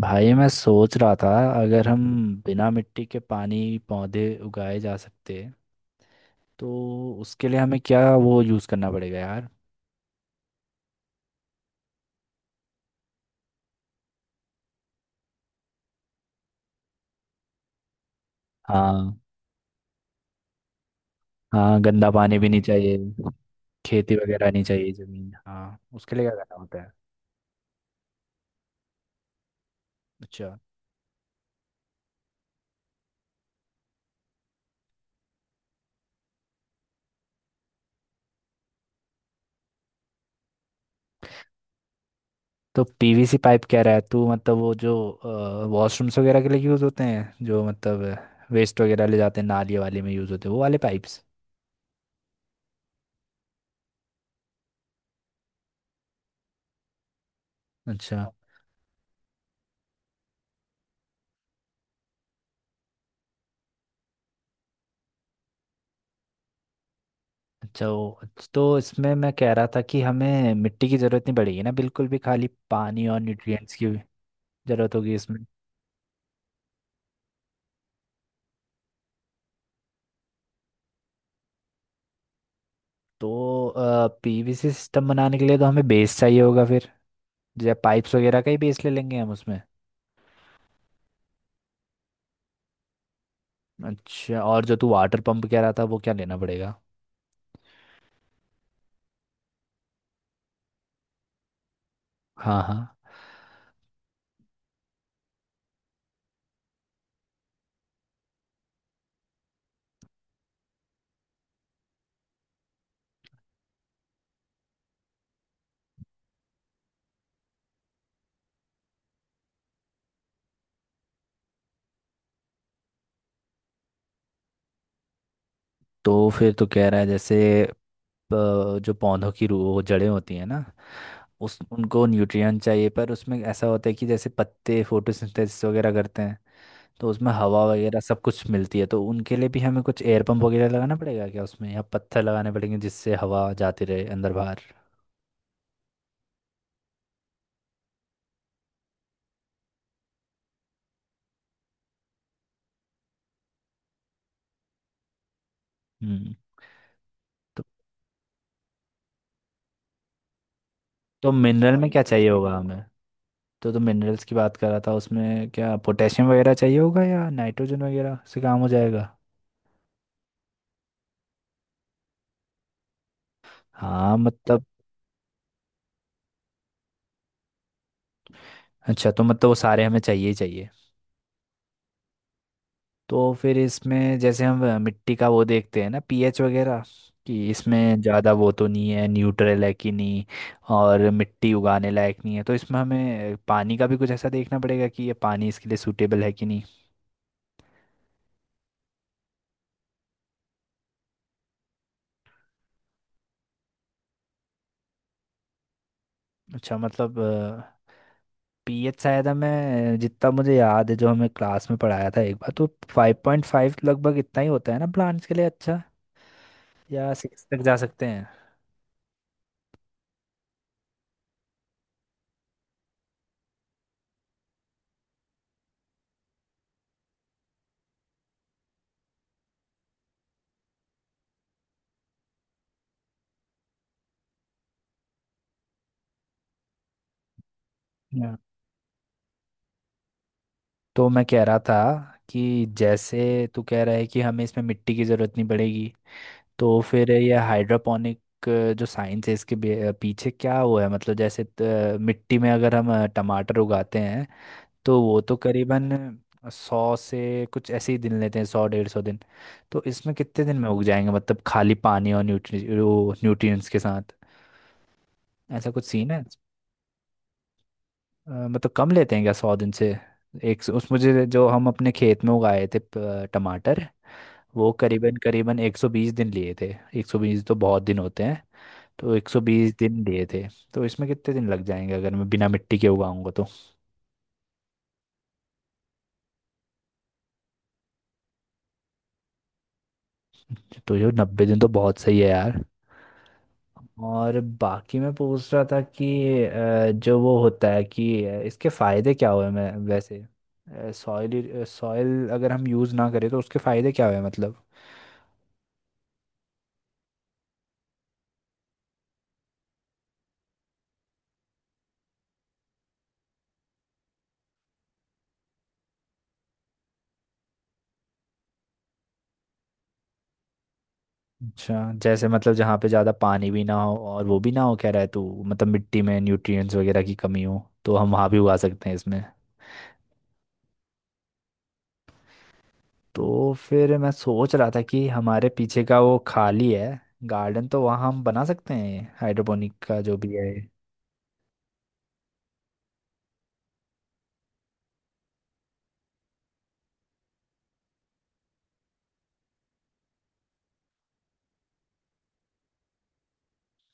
भाई मैं सोच रहा था अगर हम बिना मिट्टी के पानी पौधे उगाए जा सकते तो उसके लिए हमें क्या वो यूज़ करना पड़ेगा यार। हाँ, हाँ, गंदा पानी भी नहीं चाहिए। खेती वगैरह नहीं चाहिए, जमीन। हाँ, उसके लिए क्या करना होता है? अच्छा। तो पीवीसी पाइप कह रहा है तू मतलब वो जो वॉशरूम्स वगैरह के लिए यूज़ होते हैं, जो मतलब वेस्ट वगैरह ले जाते हैं, नाली वाले में यूज़ होते हैं, वो वाले पाइप्स। अच्छा अच्छा। तो इसमें मैं कह रहा था कि हमें मिट्टी की ज़रूरत नहीं पड़ेगी ना, बिल्कुल भी। खाली पानी और न्यूट्रिएंट्स की ज़रूरत होगी इसमें। तो पीवीसी सिस्टम बनाने के लिए तो हमें बेस चाहिए होगा फिर। जैसे पाइप्स वगैरह का ही बेस ले लेंगे हम उसमें। अच्छा, और जो तू वाटर पंप कह रहा था वो क्या लेना पड़ेगा? हाँ, हाँ। तो फिर तो कह रहा है जैसे जो पौधों की रू वो जड़ें होती हैं ना। उस उनको न्यूट्रिएंट चाहिए, पर उसमें ऐसा होता है कि जैसे पत्ते फोटोसिंथेसिस वगैरह करते हैं, तो उसमें हवा वगैरह सब कुछ मिलती है। तो उनके लिए भी हमें कुछ एयर पंप वगैरह लगाना पड़ेगा क्या उसमें, या पत्थर लगाने पड़ेंगे जिससे हवा जाती रहे अंदर बाहर? हम्म। तो, तो मिनरल में क्या चाहिए होगा हमें? तो मिनरल्स की बात कर रहा था उसमें, क्या पोटेशियम वगैरह चाहिए होगा या नाइट्रोजन वगैरह से काम हो जाएगा? हाँ मतलब। अच्छा, तो मतलब वो सारे हमें चाहिए ही चाहिए। तो फिर इसमें जैसे हम मिट्टी का वो देखते हैं ना, पीएच वगैरह, कि इसमें ज़्यादा वो तो नहीं है, न्यूट्रल है कि नहीं, और मिट्टी उगाने लायक नहीं है। तो इसमें हमें पानी का भी कुछ ऐसा देखना पड़ेगा कि ये पानी इसके लिए सूटेबल है कि नहीं। अच्छा मतलब। पीएच शायद हमें जितना मुझे याद है, जो हमें क्लास में पढ़ाया था एक बार, तो 5.5 लगभग इतना ही होता है ना प्लांट्स के लिए, अच्छा, या 6 तक जा सकते हैं। Yeah। तो मैं कह रहा था कि जैसे तू कह रहा है कि हमें इसमें मिट्टी की ज़रूरत नहीं पड़ेगी। तो फिर ये हाइड्रोपोनिक जो साइंस है इसके पीछे क्या हुआ है, मतलब जैसे मिट्टी में अगर हम टमाटर उगाते हैं तो वो तो करीबन 100 से कुछ ऐसे ही दिन लेते हैं, 100, 150 दिन। तो इसमें कितने दिन में उग जाएंगे, मतलब खाली पानी और न्यूट्रि वो न्यूट्रिएंट्स के साथ? ऐसा कुछ सीन है? मतलब कम लेते हैं क्या 100 दिन से? उस मुझे जो हम अपने खेत में उगाए थे टमाटर, वो करीबन करीबन 120 दिन लिए थे। 120 तो बहुत दिन होते हैं। तो 120 दिन दिए थे। तो इसमें कितने दिन लग जाएंगे अगर मैं बिना मिट्टी के उगाऊंगा तो? तो ये 90 दिन तो बहुत सही है यार। और बाकी मैं पूछ रहा था कि जो वो होता है कि इसके फायदे क्या हुए, मैं वैसे सॉइल सॉइल अगर हम यूज़ ना करें तो उसके फायदे क्या हुए मतलब? अच्छा, जैसे मतलब जहाँ पे ज़्यादा पानी भी ना हो और वो भी ना हो, कह रहा है तू, मतलब मिट्टी में न्यूट्रिएंट्स वगैरह की कमी हो तो हम वहाँ भी उगा सकते हैं इसमें? तो फिर मैं सोच रहा था कि हमारे पीछे का वो खाली है गार्डन, तो वहाँ हम बना सकते हैं हाइड्रोपोनिक का जो भी है।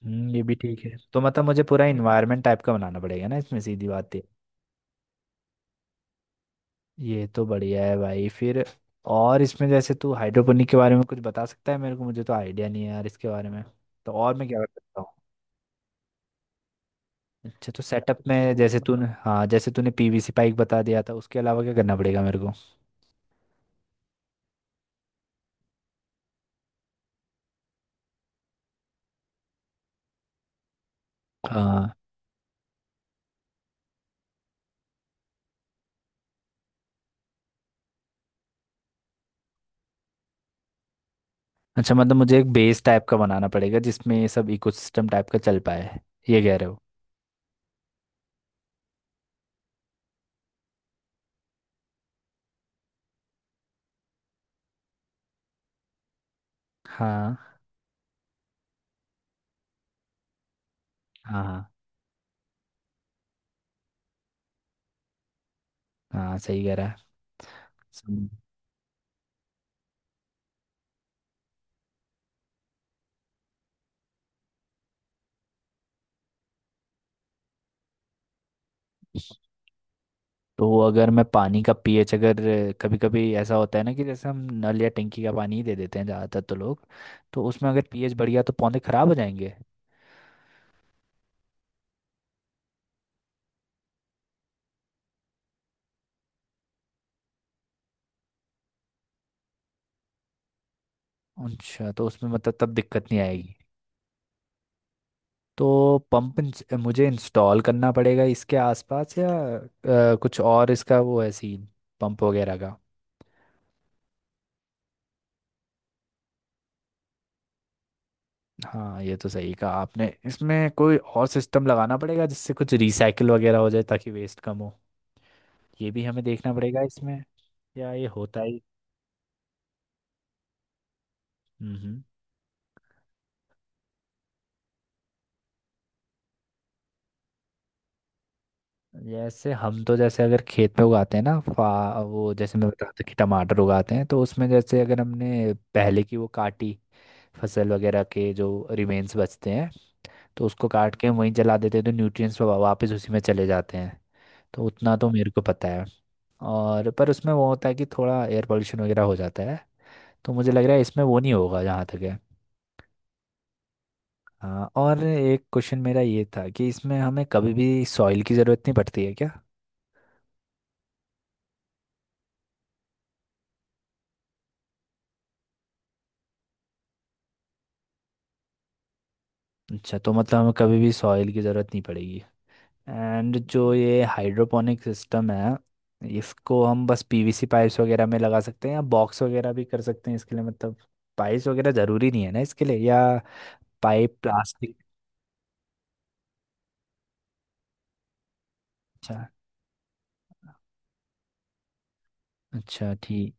हम्म, ये भी ठीक है। तो मतलब मुझे पूरा इन्वायरमेंट टाइप का बनाना पड़ेगा ना इसमें, सीधी बात है। ये तो बढ़िया है भाई फिर। और इसमें जैसे तू हाइड्रोपोनिक के बारे में कुछ बता सकता है मेरे को? मुझे तो आइडिया नहीं है यार इसके बारे में। तो और मैं क्या कर सकता हूँ? अच्छा, तो सेटअप में जैसे तूने, हाँ, जैसे तूने पीवीसी पाइप बता दिया था, उसके अलावा क्या करना पड़ेगा मेरे को? हाँ। अच्छा मतलब मुझे एक बेस टाइप का बनाना पड़ेगा जिसमें ये सब इकोसिस्टम टाइप का चल पाए, ये कह रहे हो? हाँ, हाँ, हाँ, हाँ, सही कह रहा है। सम- तो अगर मैं पानी का पीएच अगर कभी कभी ऐसा होता है ना कि जैसे हम नल या टंकी का पानी ही दे देते हैं ज़्यादातर तो लोग, तो उसमें अगर पीएच बढ़ गया तो पौधे खराब हो जाएंगे। अच्छा, तो उसमें मतलब तब दिक्कत नहीं आएगी। तो पंप मुझे इंस्टॉल करना पड़ेगा इसके आसपास, या कुछ और इसका वो है सीन, पंप वगैरह? हाँ, ये तो सही कहा आपने। इसमें कोई और सिस्टम लगाना पड़ेगा जिससे कुछ रिसाइकिल वगैरह हो जाए ताकि वेस्ट कम हो, ये भी हमें देखना पड़ेगा इसमें, या ये होता ही। हम्म। जैसे हम तो जैसे अगर खेत में उगाते हैं ना, फा वो जैसे मैं बता रहा था कि टमाटर उगाते हैं, तो उसमें जैसे अगर हमने पहले की वो काटी फसल वगैरह के जो रिमेन्स बचते हैं, तो उसको काट के हम वहीं जला देते हैं तो न्यूट्रिएंट्स वापस उसी में चले जाते हैं। तो उतना तो मेरे को पता है। और पर उसमें वो होता है कि थोड़ा एयर पोल्यूशन वगैरह हो जाता है। तो मुझे लग रहा है इसमें वो नहीं होगा जहाँ तक है। हाँ, और एक क्वेश्चन मेरा ये था कि इसमें हमें कभी भी सॉइल की ज़रूरत नहीं पड़ती है क्या? अच्छा, तो मतलब हमें कभी भी सॉइल की ज़रूरत नहीं पड़ेगी। एंड जो ये हाइड्रोपोनिक सिस्टम है, इसको हम बस पीवीसी पाइप्स वगैरह में लगा सकते हैं या बॉक्स वगैरह भी कर सकते हैं इसके लिए, मतलब पाइप्स वगैरह ज़रूरी नहीं है ना इसके लिए, या पाइप प्लास्टिक? अच्छा। अच्छा, ठीक।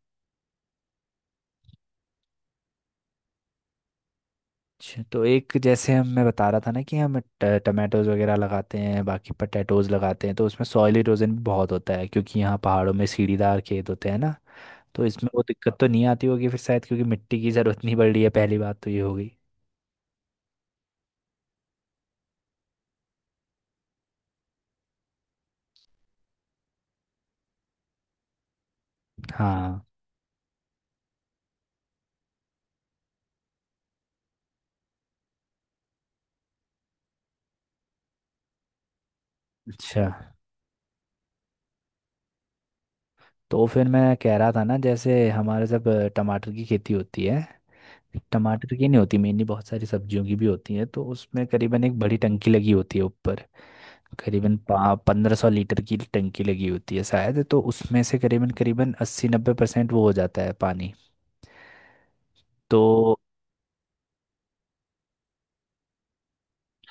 अच्छा, तो एक जैसे हम, मैं बता रहा था ना कि हम टमाटोज वगैरह लगाते हैं, बाकी पटेटोज लगाते हैं, तो उसमें सॉइल इरोजन भी बहुत होता है क्योंकि यहाँ पहाड़ों में सीढ़ीदार खेत होते हैं ना। तो इसमें वो दिक्कत तो नहीं आती होगी फिर शायद, क्योंकि मिट्टी की ज़रूरत नहीं पड़ रही है, पहली बात तो ये होगी। हाँ। अच्छा, तो फिर मैं कह रहा था ना, जैसे हमारे सब टमाटर की खेती होती है, टमाटर की नहीं होती मेनली, बहुत सारी सब्जियों की भी होती है। तो उसमें करीबन एक बड़ी टंकी लगी होती है ऊपर, करीबन 1500 लीटर की टंकी लगी होती है शायद। तो उसमें से करीबन करीबन 80-90% वो हो जाता है पानी। तो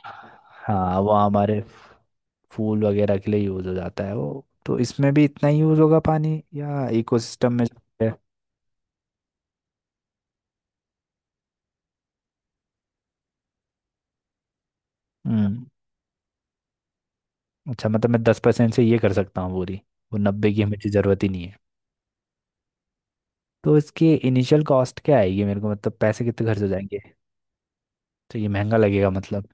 हाँ, वो हमारे फूल वगैरह के लिए यूज़ हो जाता है वो। तो इसमें भी इतना ही यूज़ होगा पानी, या इकोसिस्टम में जो है? हम्म। अच्छा, मतलब मैं 10% से ये कर सकता हूँ पूरी, वो 90 की हमें ज़रूरत ही नहीं है। तो इसकी इनिशियल कॉस्ट क्या आएगी मेरे को, मतलब पैसे कितने खर्च हो जाएंगे? तो ये महंगा लगेगा मतलब।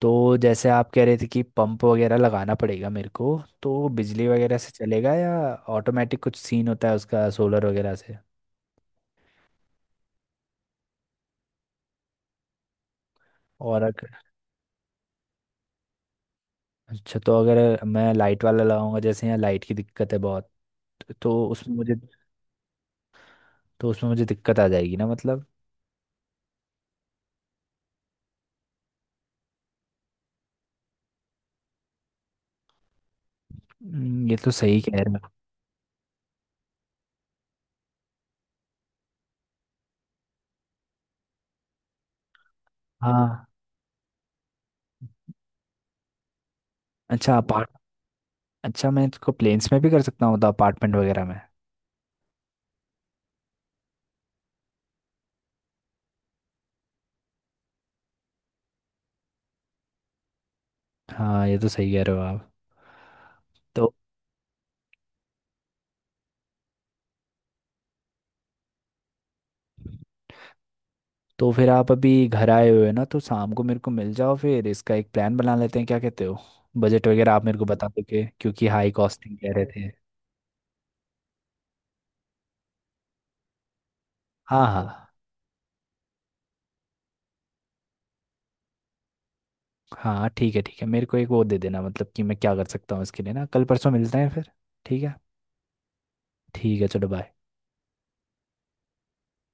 तो जैसे आप कह रहे थे कि पंप वगैरह लगाना पड़ेगा मेरे को, तो बिजली वगैरह से चलेगा, या ऑटोमेटिक कुछ सीन होता है उसका सोलर वगैरह से? और अगर, अच्छा, तो अगर मैं लाइट वाला लगाऊंगा जैसे यहाँ लाइट की दिक्कत है बहुत, तो उसमें मुझे, तो उसमें मुझे दिक्कत आ जाएगी ना मतलब? ये तो सही कह रहे हो। हाँ, अच्छा। अपार्ट अच्छा मैं इसको प्लेन्स में भी कर सकता हूँ तो अपार्टमेंट वगैरह में? हाँ, ये तो सही कह रहे हो आप। तो तो फिर आप अभी घर आए हुए हो ना, तो शाम को मेरे को मिल जाओ, फिर इसका एक प्लान बना लेते हैं, क्या कहते हो? बजट वगैरह आप मेरे को बता दोगे, क्योंकि हाई कॉस्टिंग कह रहे थे। हाँ, हाँ, हाँ, ठीक है, ठीक है, मेरे को एक वो दे देना, मतलब कि मैं क्या कर सकता हूँ इसके लिए ना? कल परसों मिलते हैं फिर, ठीक है। ठीक है, चलो बाय।